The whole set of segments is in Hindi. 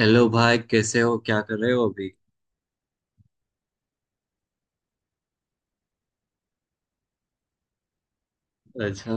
हेलो भाई कैसे हो क्या कर रहे हो अभी। अच्छा।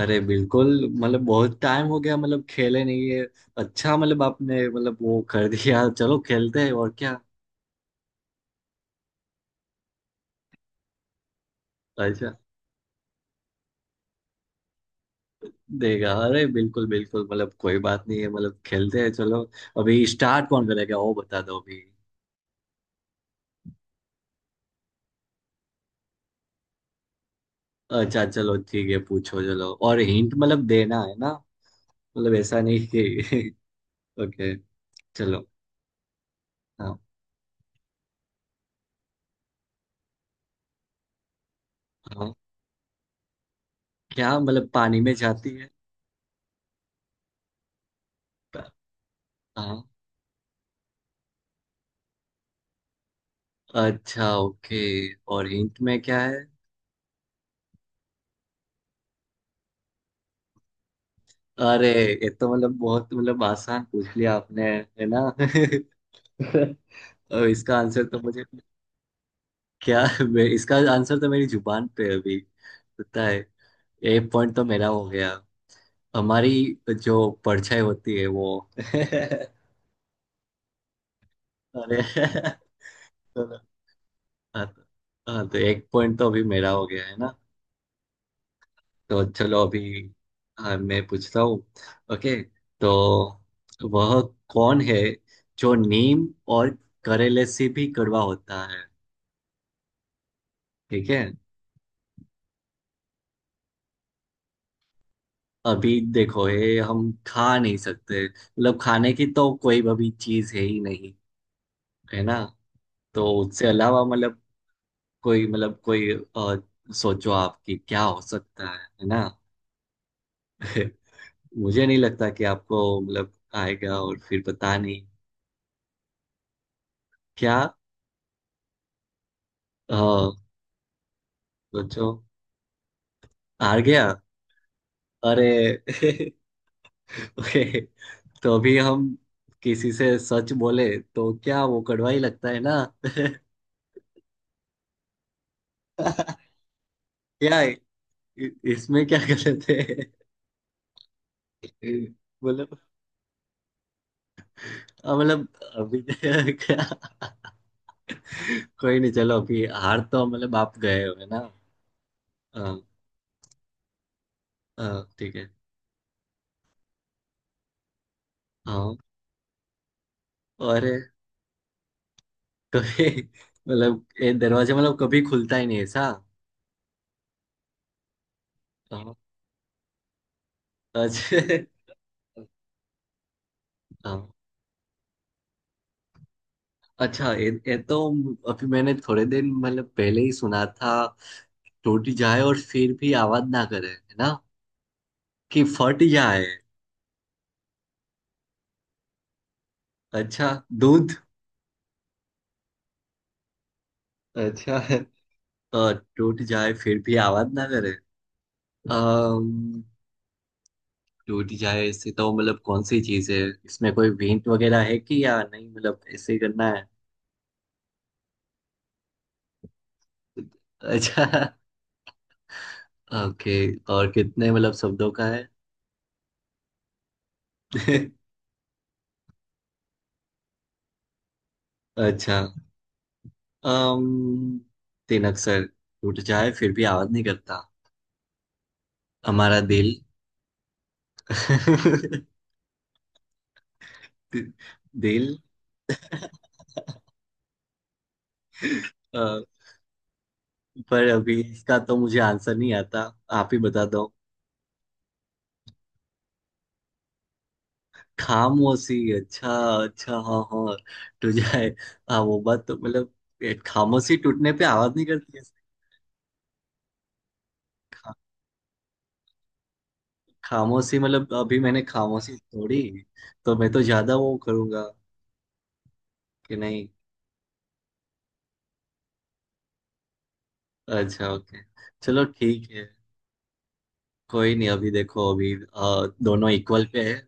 अरे बिल्कुल। मतलब बहुत टाइम हो गया मतलब खेले नहीं है। अच्छा मतलब आपने मतलब वो कर दिया चलो खेलते हैं और क्या। अच्छा। देगा अरे बिल्कुल बिल्कुल मतलब कोई बात नहीं है मतलब खेलते हैं चलो। अभी स्टार्ट कौन करेगा वो बता दो अभी। अच्छा चलो ठीक है पूछो चलो और हिंट मतलब देना है ना। मतलब ऐसा नहीं कि। ओके चलो। हाँ। हाँ। क्या मतलब पानी में जाती है। हाँ। अच्छा ओके। और हिंट में क्या है। अरे ये तो मतलब बहुत मतलब आसान पूछ लिया आपने है ना। और इसका आंसर तो मुझे। क्या। इसका आंसर तो मेरी जुबान पे है अभी। पता है। एक पॉइंट तो मेरा हो गया। हमारी जो परछाई होती है वो। अरे। चलो। हाँ तो। हाँ, तो एक पॉइंट तो अभी मेरा हो गया है ना। तो चलो अभी। मैं पूछता हूँ। ओके। तो वह कौन है जो नीम और करेले से भी कड़वा होता है। ठीक है। अभी देखो ये हम खा नहीं सकते मतलब खाने की तो कोई अभी चीज है ही नहीं है ना। तो उससे अलावा मतलब कोई सोचो आपकी क्या हो सकता है ना। मुझे नहीं लगता कि आपको मतलब आएगा और फिर पता नहीं क्या। आ, सोचो। आ गया। अरे। ओके। तो अभी हम किसी से सच बोले तो क्या वो कड़वा ही लगता है ना। क्या है? इसमें क्या गलत है। मतलब मतलब अभी। क्या। कोई नहीं चलो अभी हार तो मतलब आप गए हो है ना। हाँ। हाँ ठीक है। हाँ। और। कभी मतलब ये दरवाजा मतलब कभी खुलता ही नहीं है ऐसा। हाँ। अच्छा। हाँ अच्छा ये तो अभी मैंने थोड़े दिन मतलब पहले ही सुना था। टूट जाए और फिर भी आवाज ना करे है ना। कि फट जाए। अच्छा। दूध। अच्छा। और टूट जाए फिर भी आवाज ना करे। अम्म, टूट जाए ऐसे तो मतलब कौन सी चीज है। इसमें कोई हिंट वगैरह है कि या नहीं मतलब ऐसे ही करना है। अच्छा ओके। और कितने मतलब शब्दों का है। अच्छा। अम्म तीन अक्षर टूट जाए फिर भी आवाज नहीं करता। हमारा दिल। दिल। अ, पर अभी इसका तो मुझे आंसर नहीं आता। आप ही बता दो। खामोशी अच्छा। अच्छा हाँ हाँ। टू जाए। हाँ वो बात तो मतलब। ये खामोशी टूटने पे आवाज नहीं करती है। खा, खामोशी मतलब अभी मैंने खामोशी तोड़ी। तो मैं तो ज्यादा वो करूंगा कि नहीं। अच्छा ओके चलो ठीक है। कोई नहीं अभी देखो अभी दोनों इक्वल पे है।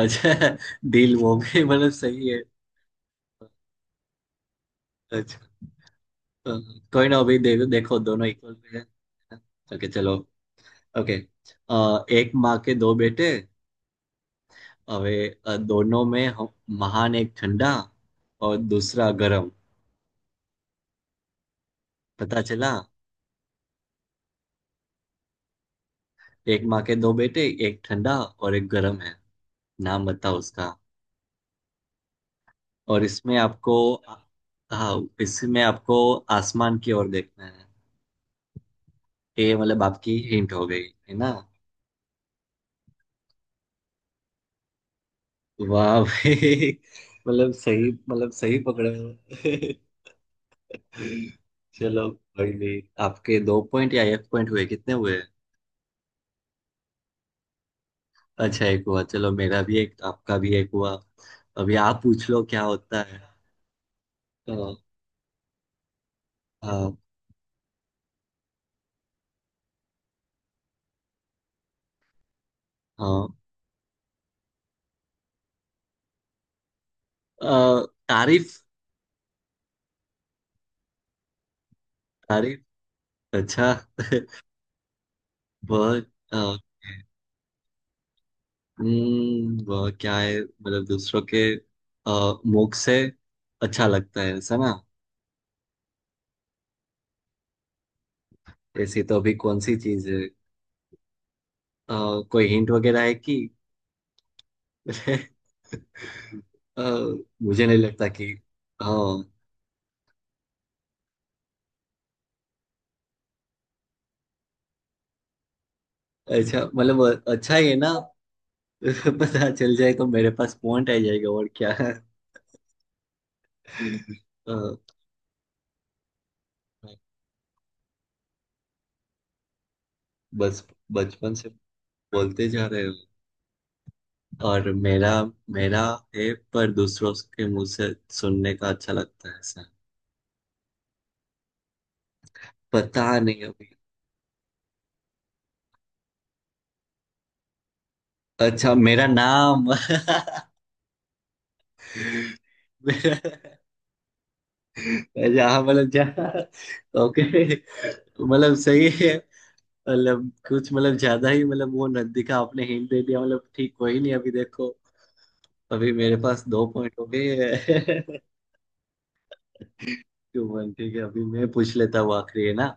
अच्छा। डील वो भी मतलब सही है। अच्छा अ, कोई ना अभी देखो दोनों इक्वल पे है। ओके चलो ओके। एक माँ के दो बेटे अवे दोनों में महान एक ठंडा और दूसरा गरम। पता चला। एक माँ के दो बेटे एक ठंडा और एक गरम है। नाम बताओ उसका। और इसमें आपको। हाँ। इसमें आपको आसमान की ओर देखना है। ये मतलब आपकी हिंट हो गई है ना। वाह भाई मतलब सही पकड़े हो। चलो। कोई नहीं आपके दो पॉइंट या एक पॉइंट हुए कितने हुए। अच्छा एक हुआ चलो मेरा भी एक आपका भी एक हुआ। अभी आप पूछ लो क्या होता है। तो, हाँ हाँ। तारीफ। तारीफ अच्छा। वह अ, वह क्या है मतलब दूसरों के मुख से अच्छा लगता है ऐसा ना। ऐसी तो अभी कौन सी चीज है अ, कोई हिंट वगैरह है कि। अ, मुझे नहीं लगता कि। हाँ अच्छा मतलब अच्छा ही है ना। पता चल जाए तो मेरे पास पॉइंट आ जाएगा और क्या। अ, बस बचपन से बोलते जा रहे हो और मेरा मेरा है पर दूसरों के मुंह से सुनने का अच्छा लगता है ऐसा। पता नहीं अभी। अच्छा मेरा नाम। मेरा अच्छा हाँ मतलब जा। ओके मतलब सही है। मतलब कुछ मतलब ज्यादा ही मतलब वो न दिखा आपने हिंट दे दिया मतलब ठीक कोई नहीं अभी देखो। अभी मेरे पास दो पॉइंट हो गए हैं। टू वन ठीक है अभी मैं पूछ लेता हूँ आखिरी है ना।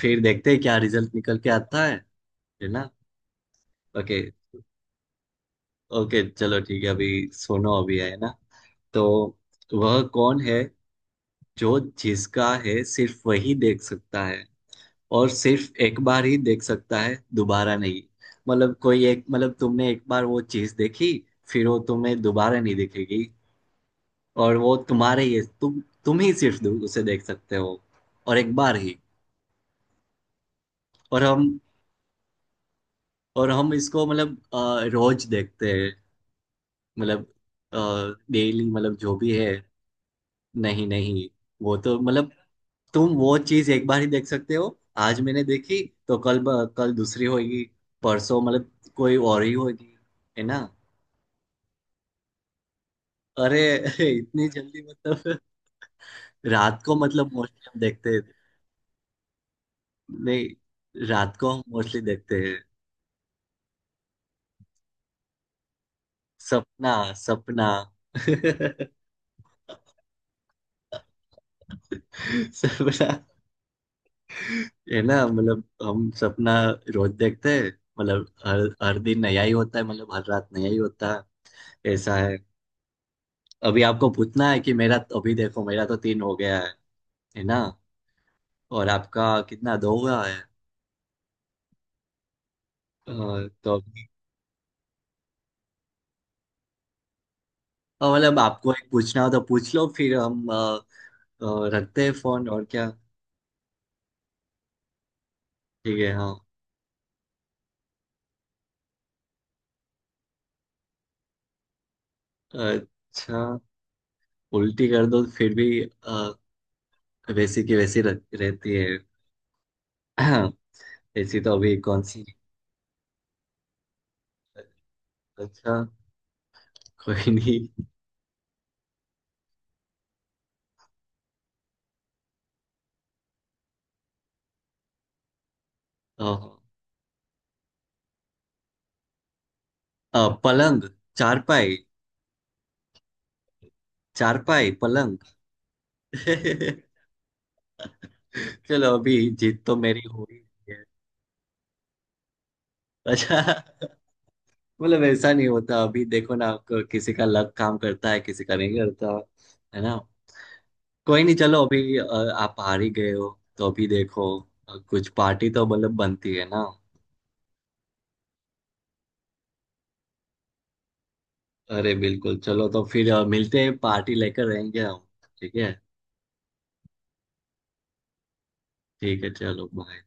फिर देखते हैं क्या रिजल्ट निकल के आता है ना। ओके। ओके चलो ठीक है अभी सुनो अभी है ना। तो वह कौन है जो जिसका है सिर्फ वही देख सकता है और सिर्फ एक बार ही देख सकता है दोबारा नहीं। मतलब कोई एक मतलब तुमने एक बार वो चीज देखी फिर वो तुम्हें दोबारा नहीं दिखेगी। और वो तुम्हारे ही तुम ही सिर्फ उसे देख सकते हो और एक बार ही। और हम इसको मतलब रोज देखते हैं मतलब डेली मतलब जो भी है। नहीं नहीं वो तो मतलब। तुम वो चीज एक बार ही देख सकते हो। आज मैंने देखी तो कल कल दूसरी होगी परसों मतलब कोई और ही होगी है ना। अरे इतनी जल्दी मतलब। रात को मतलब मोस्टली हम देखते हैं। नहीं रात को हम मोस्टली देखते हैं। सपना सपना। सपना है ना मतलब हम सपना रोज देखते हैं। मतलब हर हर दिन नया ही होता है मतलब हर रात नया ही होता है ऐसा है। अभी आपको पूछना है कि मेरा अभी देखो मेरा तो तीन हो गया है ना। और आपका कितना दो हुआ है। तो। और मतलब आपको एक पूछना हो तो पूछ लो फिर हम रखते हैं फोन और क्या। ठीक है हाँ। अच्छा उल्टी कर दो फिर भी वैसी की वैसी रहती है। हाँ, ऐसी तो अभी कौन सी। अच्छा कोई नहीं अ, पलंग चारपाई। चारपाई पलंग। चलो अभी जीत तो मेरी हो ही गई है। अच्छा मतलब ऐसा नहीं होता अभी देखो ना आपको किसी का लक काम करता है किसी का नहीं करता है ना। कोई नहीं चलो अभी आप हार ही गए हो। तो अभी देखो कुछ पार्टी तो मतलब बनती है ना। अरे बिल्कुल चलो तो फिर मिलते हैं पार्टी लेकर रहेंगे हम। ठीक है। ठीक है चलो बाय।